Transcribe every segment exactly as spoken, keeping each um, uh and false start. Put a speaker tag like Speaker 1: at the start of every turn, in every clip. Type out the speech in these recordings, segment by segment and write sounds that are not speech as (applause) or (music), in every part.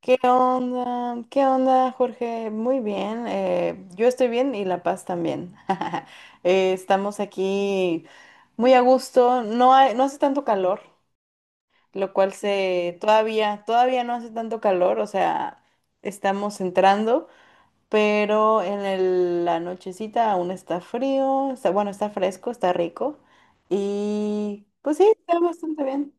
Speaker 1: ¿Qué onda? ¿Qué onda, Jorge? Muy bien. eh, yo estoy bien y La Paz también. (laughs) Eh, estamos aquí muy a gusto. No hay- no hace tanto calor, lo cual se todavía, todavía no hace tanto calor. O sea, estamos entrando, pero en el- la nochecita aún está frío. Está, bueno, está fresco, está rico. Y pues sí, está bastante bien.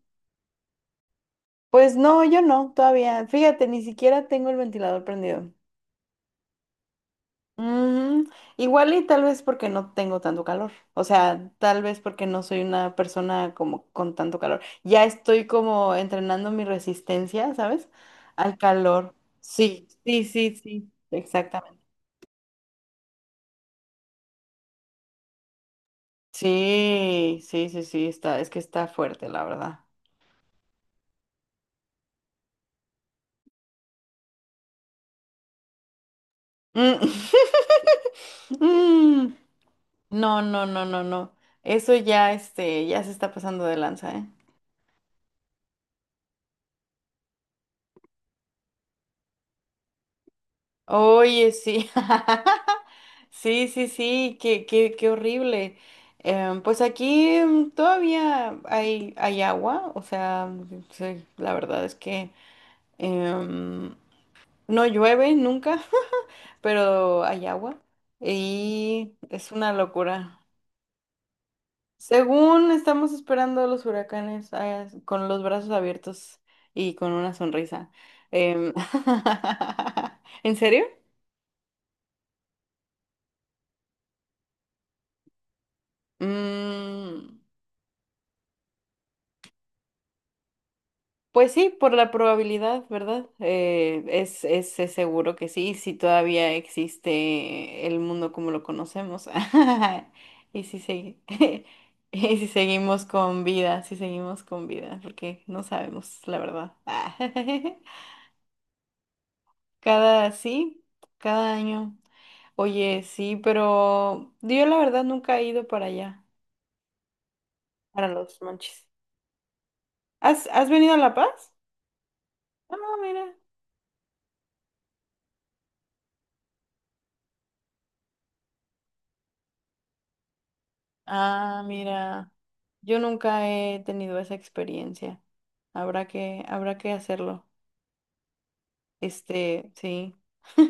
Speaker 1: Pues no, yo no, todavía. Fíjate, ni siquiera tengo el ventilador prendido. Mm, igual y tal vez porque no tengo tanto calor. O sea, tal vez porque no soy una persona como con tanto calor. Ya estoy como entrenando mi resistencia, ¿sabes? Al calor. Sí, sí, sí, sí. Exactamente. Sí, sí, sí, sí, está, es que está fuerte, la verdad. Mm. (laughs) Mm. No, no, no, no, no. Eso ya, este, ya se está pasando de lanza, ¿eh? Oye, sí. (laughs) Sí, sí, sí, qué, qué, qué horrible. Em, pues aquí mm, todavía hay, hay agua, o sea, sí, la verdad es que em, no llueve nunca, (laughs) pero hay agua y es una locura. Según estamos esperando los huracanes ah, con los brazos abiertos y con una sonrisa. Em, (laughs) ¿En serio? Mm. Pues sí, por la probabilidad, ¿verdad? Eh, es, es, es seguro que sí, si todavía existe el mundo como lo conocemos. (laughs) Y si segui- (laughs) y si seguimos con vida, si seguimos con vida, porque no sabemos, la verdad. (laughs) Cada, sí, cada año. Oye, sí, pero yo la verdad nunca he ido para allá, para los monchis. ¿Has, has venido a La Paz? Ah, mira. Ah, mira, yo nunca he tenido esa experiencia. Habrá que, habrá que hacerlo. Este, sí. (laughs)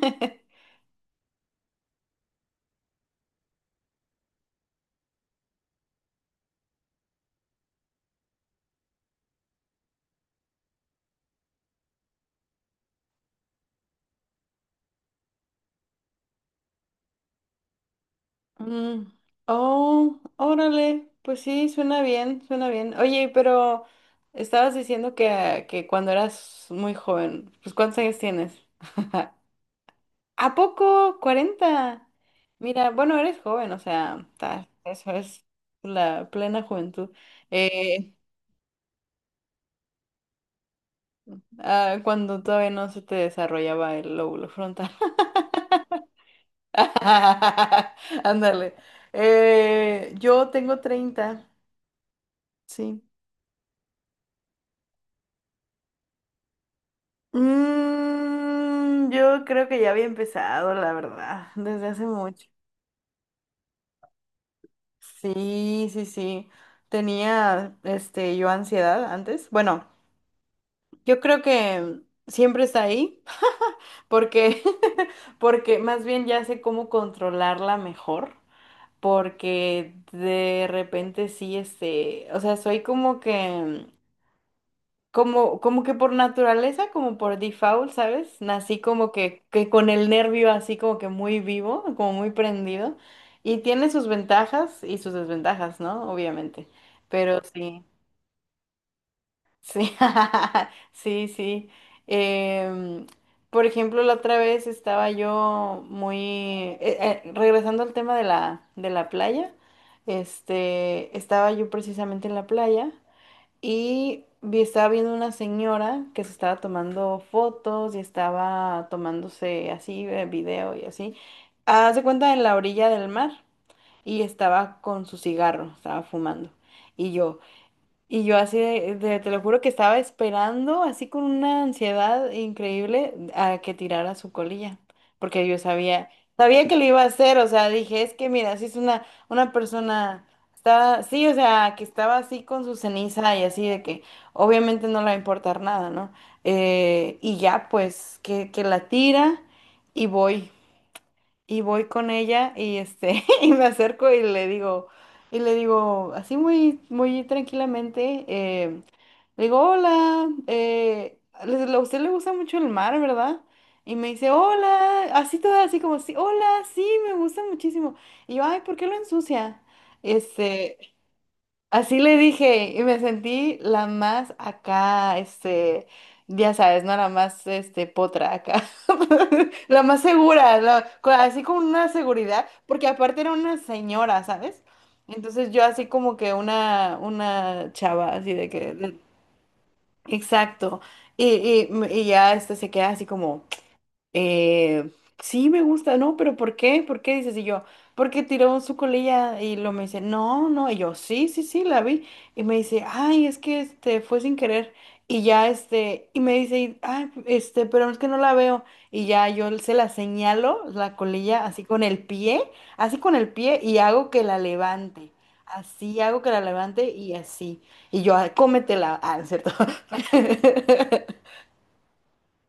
Speaker 1: Mm. Oh, órale, pues sí, suena bien, suena bien. Oye, pero estabas diciendo que, que cuando eras muy joven, pues ¿cuántos años tienes? (laughs) ¿A poco? Cuarenta. Mira, bueno, eres joven, o sea, ta- eso es la plena juventud. Eh, Ah, cuando todavía no se te desarrollaba el lóbulo frontal. (laughs) Ándale. Eh, yo tengo treinta, sí. Mm, yo creo que ya había empezado, la verdad, desde hace mucho. Sí, sí, sí. Tenía, este, yo ansiedad antes. Bueno, yo creo que siempre está ahí, porque, (laughs) porque más bien ya sé cómo controlarla mejor. Porque de repente sí, este, o sea, soy como que, como, como que por naturaleza, como por default, ¿sabes? Nací como que, que con el nervio así como que muy vivo, como muy prendido, y tiene sus ventajas y sus desventajas, ¿no? Obviamente, pero sí. Sí, (laughs) sí, sí. Em, por ejemplo, la otra vez estaba yo muy, eh, eh, regresando al tema de la, de la, playa, este, estaba yo precisamente en la playa y vi- estaba viendo una señora que se estaba tomando fotos y estaba tomándose así, eh, video y así. Haz de cuenta en la orilla del mar y estaba con su cigarro, estaba fumando. Y yo, y yo así, de, de- te lo juro que estaba esperando, así con una ansiedad increíble, a que tirara su colilla, porque yo sabía, sabía que lo iba a hacer, o sea, dije, es que mira, si es una, una, persona, estaba, sí, o sea, que estaba así con su ceniza y así, de que obviamente no le va a importar nada, ¿no? Eh, y ya, pues, que, que la tira y voy y voy con ella y este (laughs) y me acerco y le digo y le digo así muy muy tranquilamente eh, le digo hola, eh, les- a usted le gusta mucho el mar, ¿verdad? Y me dice hola, así toda, así como sí, hola, sí, me gusta muchísimo. Y yo, ay, ¿por qué lo ensucia? Este, así le dije y me sentí la más acá, este, ya sabes, ¿no? La más, este, potra acá, (laughs) la más segura, la- co- así con una seguridad, porque aparte era una señora, ¿sabes? Entonces yo así como que una, una chava, así de que, de- exacto, y, y, m- y ya este se queda así como... Eh, sí, me gusta, ¿no? Pero ¿por qué? ¿Por qué? Dices, y yo, porque tiró su colilla. Y lo me dice, no, no, y yo, sí, sí, sí, la vi. Y me dice, ay, es que este fue sin querer. Y ya este, y me dice, y, ay, este, pero es que no la veo. Y ya yo se la señalo, la colilla, así con el pie, así con el pie, y hago que la levante. Así hago que la levante y así. Y yo, "Ah, cómetela, ah, ¿no es cierto?"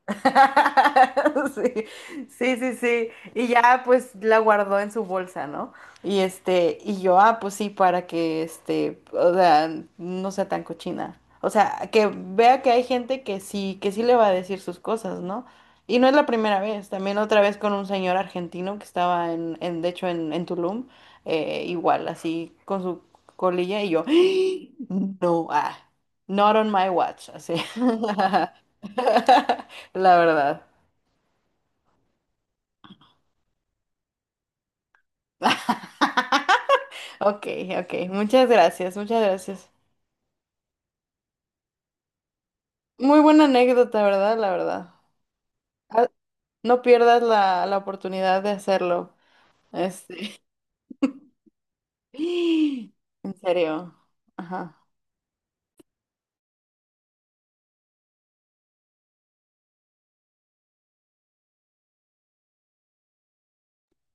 Speaker 1: (laughs) Sí, sí, sí, sí. Y ya pues la guardó en su bolsa, ¿no? Y este, y yo, ah, pues sí, para que este, o sea, no sea tan cochina. O sea, que vea que hay gente que sí, que sí le va a decir sus cosas, ¿no? Y no es la primera vez, también otra vez con un señor argentino que estaba en, en de hecho, en, en Tulum, eh, igual, así, con su colilla, y yo, (gasps) no, ah, not on my watch, así. (laughs) la verdad. Ok, ok. Muchas gracias, muchas gracias. Muy buena anécdota, ¿verdad? La verdad. Ah, no pierdas la, la oportunidad de hacerlo. Este. (gasps) En serio. Ajá.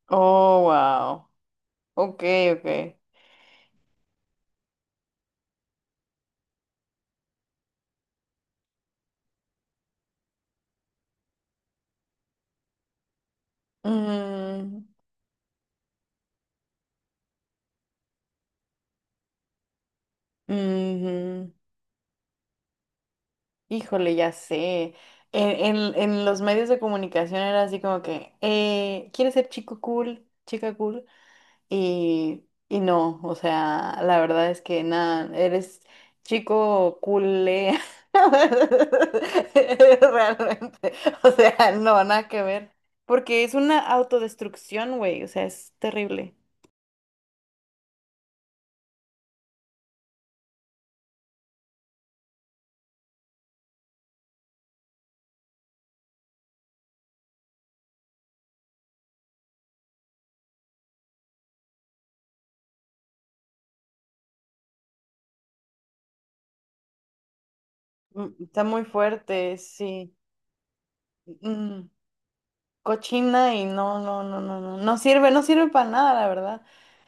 Speaker 1: Oh, wow. Ok, ok. Mm. Ujú. Híjole, ya sé. En, en- en los medios de comunicación era así como que, eh, ¿quieres ser chico cool? Chica cool. Y, y no, o sea, la verdad es que nada, eres chico culé. (laughs) Realmente, o sea, no, nada que ver. Porque es una autodestrucción, güey, o sea, es terrible. Mm. Está muy fuerte, sí. Mm, cochina y no, no, no, no, no, no sirve, no sirve para nada, la verdad.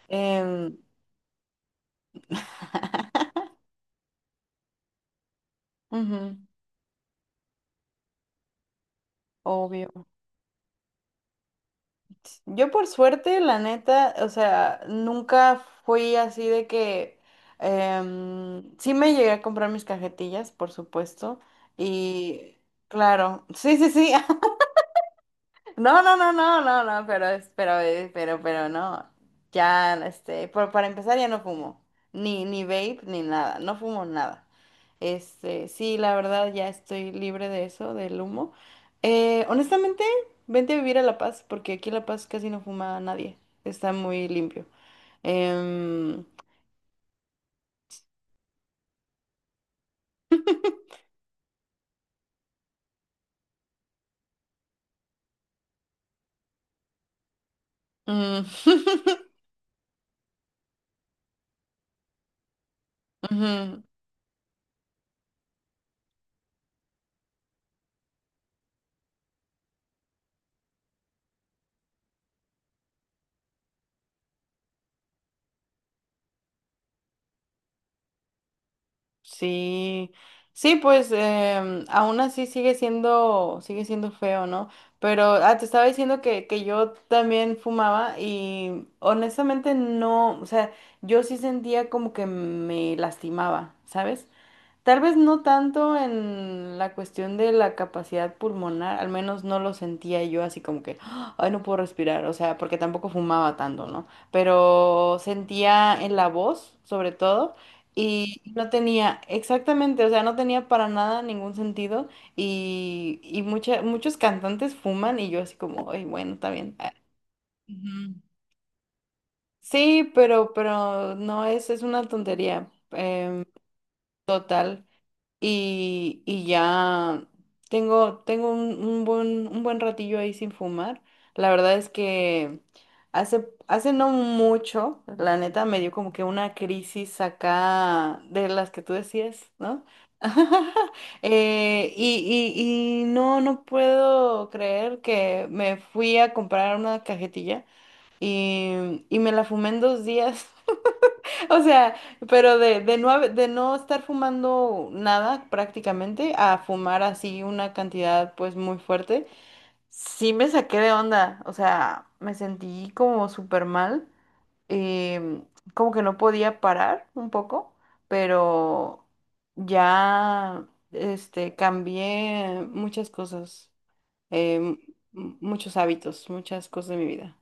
Speaker 1: Em, (laughs) ujú, obvio. Pues, yo por suerte, la neta, o sea, nunca fui así de que... em, sí me llegué a comprar mis cajetillas, por supuesto. Y claro, sí, sí, sí. (laughs) No, no, no, no, no, no, pero, es- pero, eh, pero, pero no. Ya, este, por- para empezar ya no fumo, ni, ni vape, ni nada, no fumo nada. Este, sí, la verdad ya estoy libre de eso, del humo. Eh, honestamente, vente a vivir a La Paz, porque aquí en La Paz casi no fuma nadie, está muy limpio. Em, mm. (laughs) Ujú. Sí, sí, pues em, aún así sigue siendo, sigue siendo feo, ¿no? Pero ah, te estaba diciendo que, que yo también fumaba y honestamente no, o sea, yo sí sentía como que me lastimaba, ¿sabes? Tal vez no tanto en la cuestión de la capacidad pulmonar, al menos no lo sentía yo así como que, "Ah, ay, no puedo respirar", o sea, porque tampoco fumaba tanto, ¿no? Pero sentía en la voz, sobre todo, y no tenía, exactamente, o sea, no tenía para nada ningún sentido y, y mucha- muchos cantantes fuman y yo así como, ay, bueno, está bien. ah, ujú. Sí, pero, pero, no es, es una tontería. em, y, y ya tengo, tengo un, un buen, un buen ratillo ahí sin fumar. La verdad es que hace, hace no mucho, la neta, me dio como que una crisis acá de las que tú decías, ¿no? (laughs) Eh, y, y, y no, no puedo creer que me fui a comprar una cajetilla y, y me la fumé en dos días. O sea, pero de, de no, haber- de no estar fumando nada prácticamente a fumar así una cantidad pues muy fuerte, sí me saqué de onda, o sea, me sentí como súper mal, eh, como que no podía parar un poco, pero ya este, cambié muchas cosas, eh, m- m- muchos hábitos, muchas cosas de mi vida.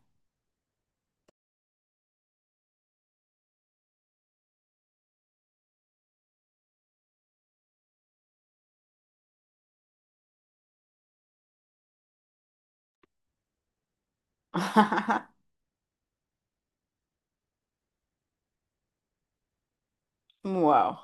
Speaker 1: (laughs) Wow.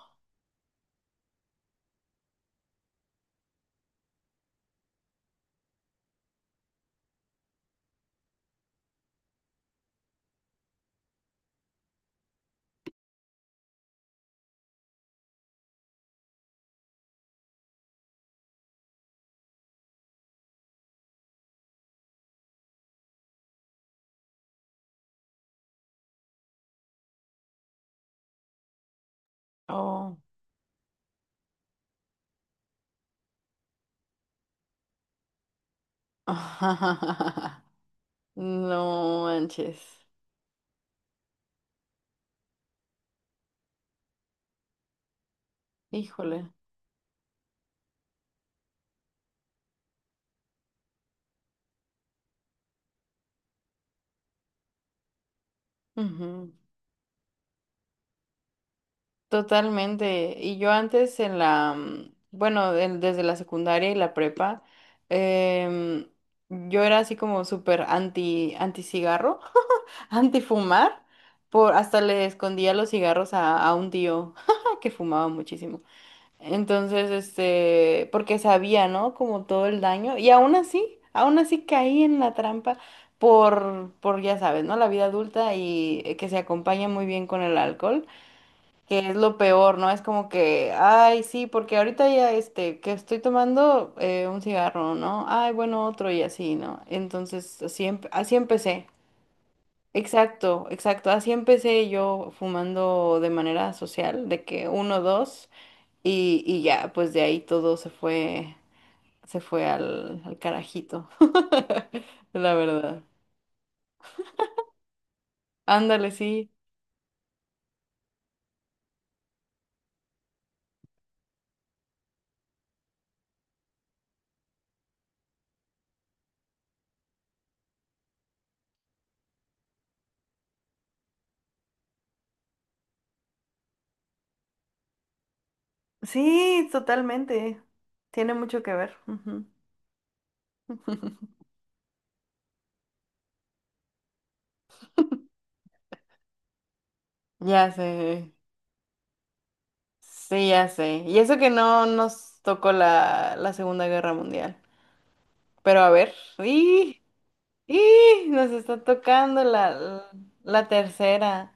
Speaker 1: Oh. (laughs) No manches, híjole. Ujú. Totalmente. Y yo antes en la, mm, bueno, en- desde la secundaria y la prepa, em, yo era así como súper anti, anti cigarro, (laughs) anti fumar, por, hasta le escondía los cigarros a, a un tío (laughs) que fumaba muchísimo. Entonces, este, porque sabía, ¿no? Como todo el daño. Y aún así, aún así caí en la trampa, por, por, ya sabes, ¿no? La vida adulta y eh, que se acompaña muy bien con el alcohol, que es lo peor, ¿no? Es como que, ay, sí, porque ahorita ya, este, que estoy tomando eh, un cigarro, ¿no? Ay, bueno, otro y así, ¿no? Entonces, así, empe- así empecé. Exacto, exacto. Así empecé yo fumando de manera social, de que uno, dos. Y, y ya, pues de ahí todo se fue, se fue al, al carajito, (laughs) la verdad. Ándale, sí. Sí, totalmente. Tiene mucho que ver. Ujú. (laughs) Ya sé, sí, ya sé. Y eso que no nos tocó la, la Segunda Guerra Mundial. Pero a ver, ¡y! ¡Y! Nos está tocando la, la tercera.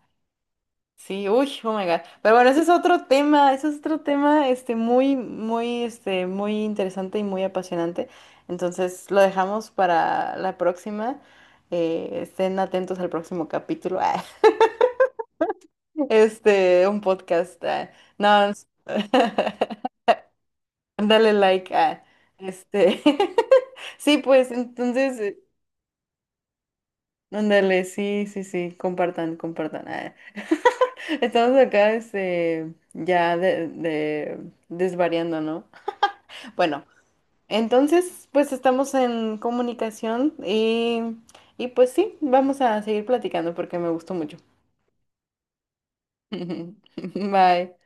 Speaker 1: Sí, uy, oh my God. Pero bueno, ese es otro tema, ese es otro tema, este, muy, muy, este, muy interesante y muy apasionante. Entonces, lo dejamos para la próxima. Eh, estén atentos al próximo capítulo. (laughs) Ah, este, un podcast. Ah, No, es- (laughs) dale like. ah, Este, (laughs) sí, pues, entonces, eh, ándale, sí, sí, sí, compartan, compartan. ah. (laughs) Estamos acá este, ya de, de- desvariando, ¿no? Bueno, entonces pues estamos en comunicación y, y pues sí, vamos a seguir platicando porque me gustó mucho. (laughs) Bye.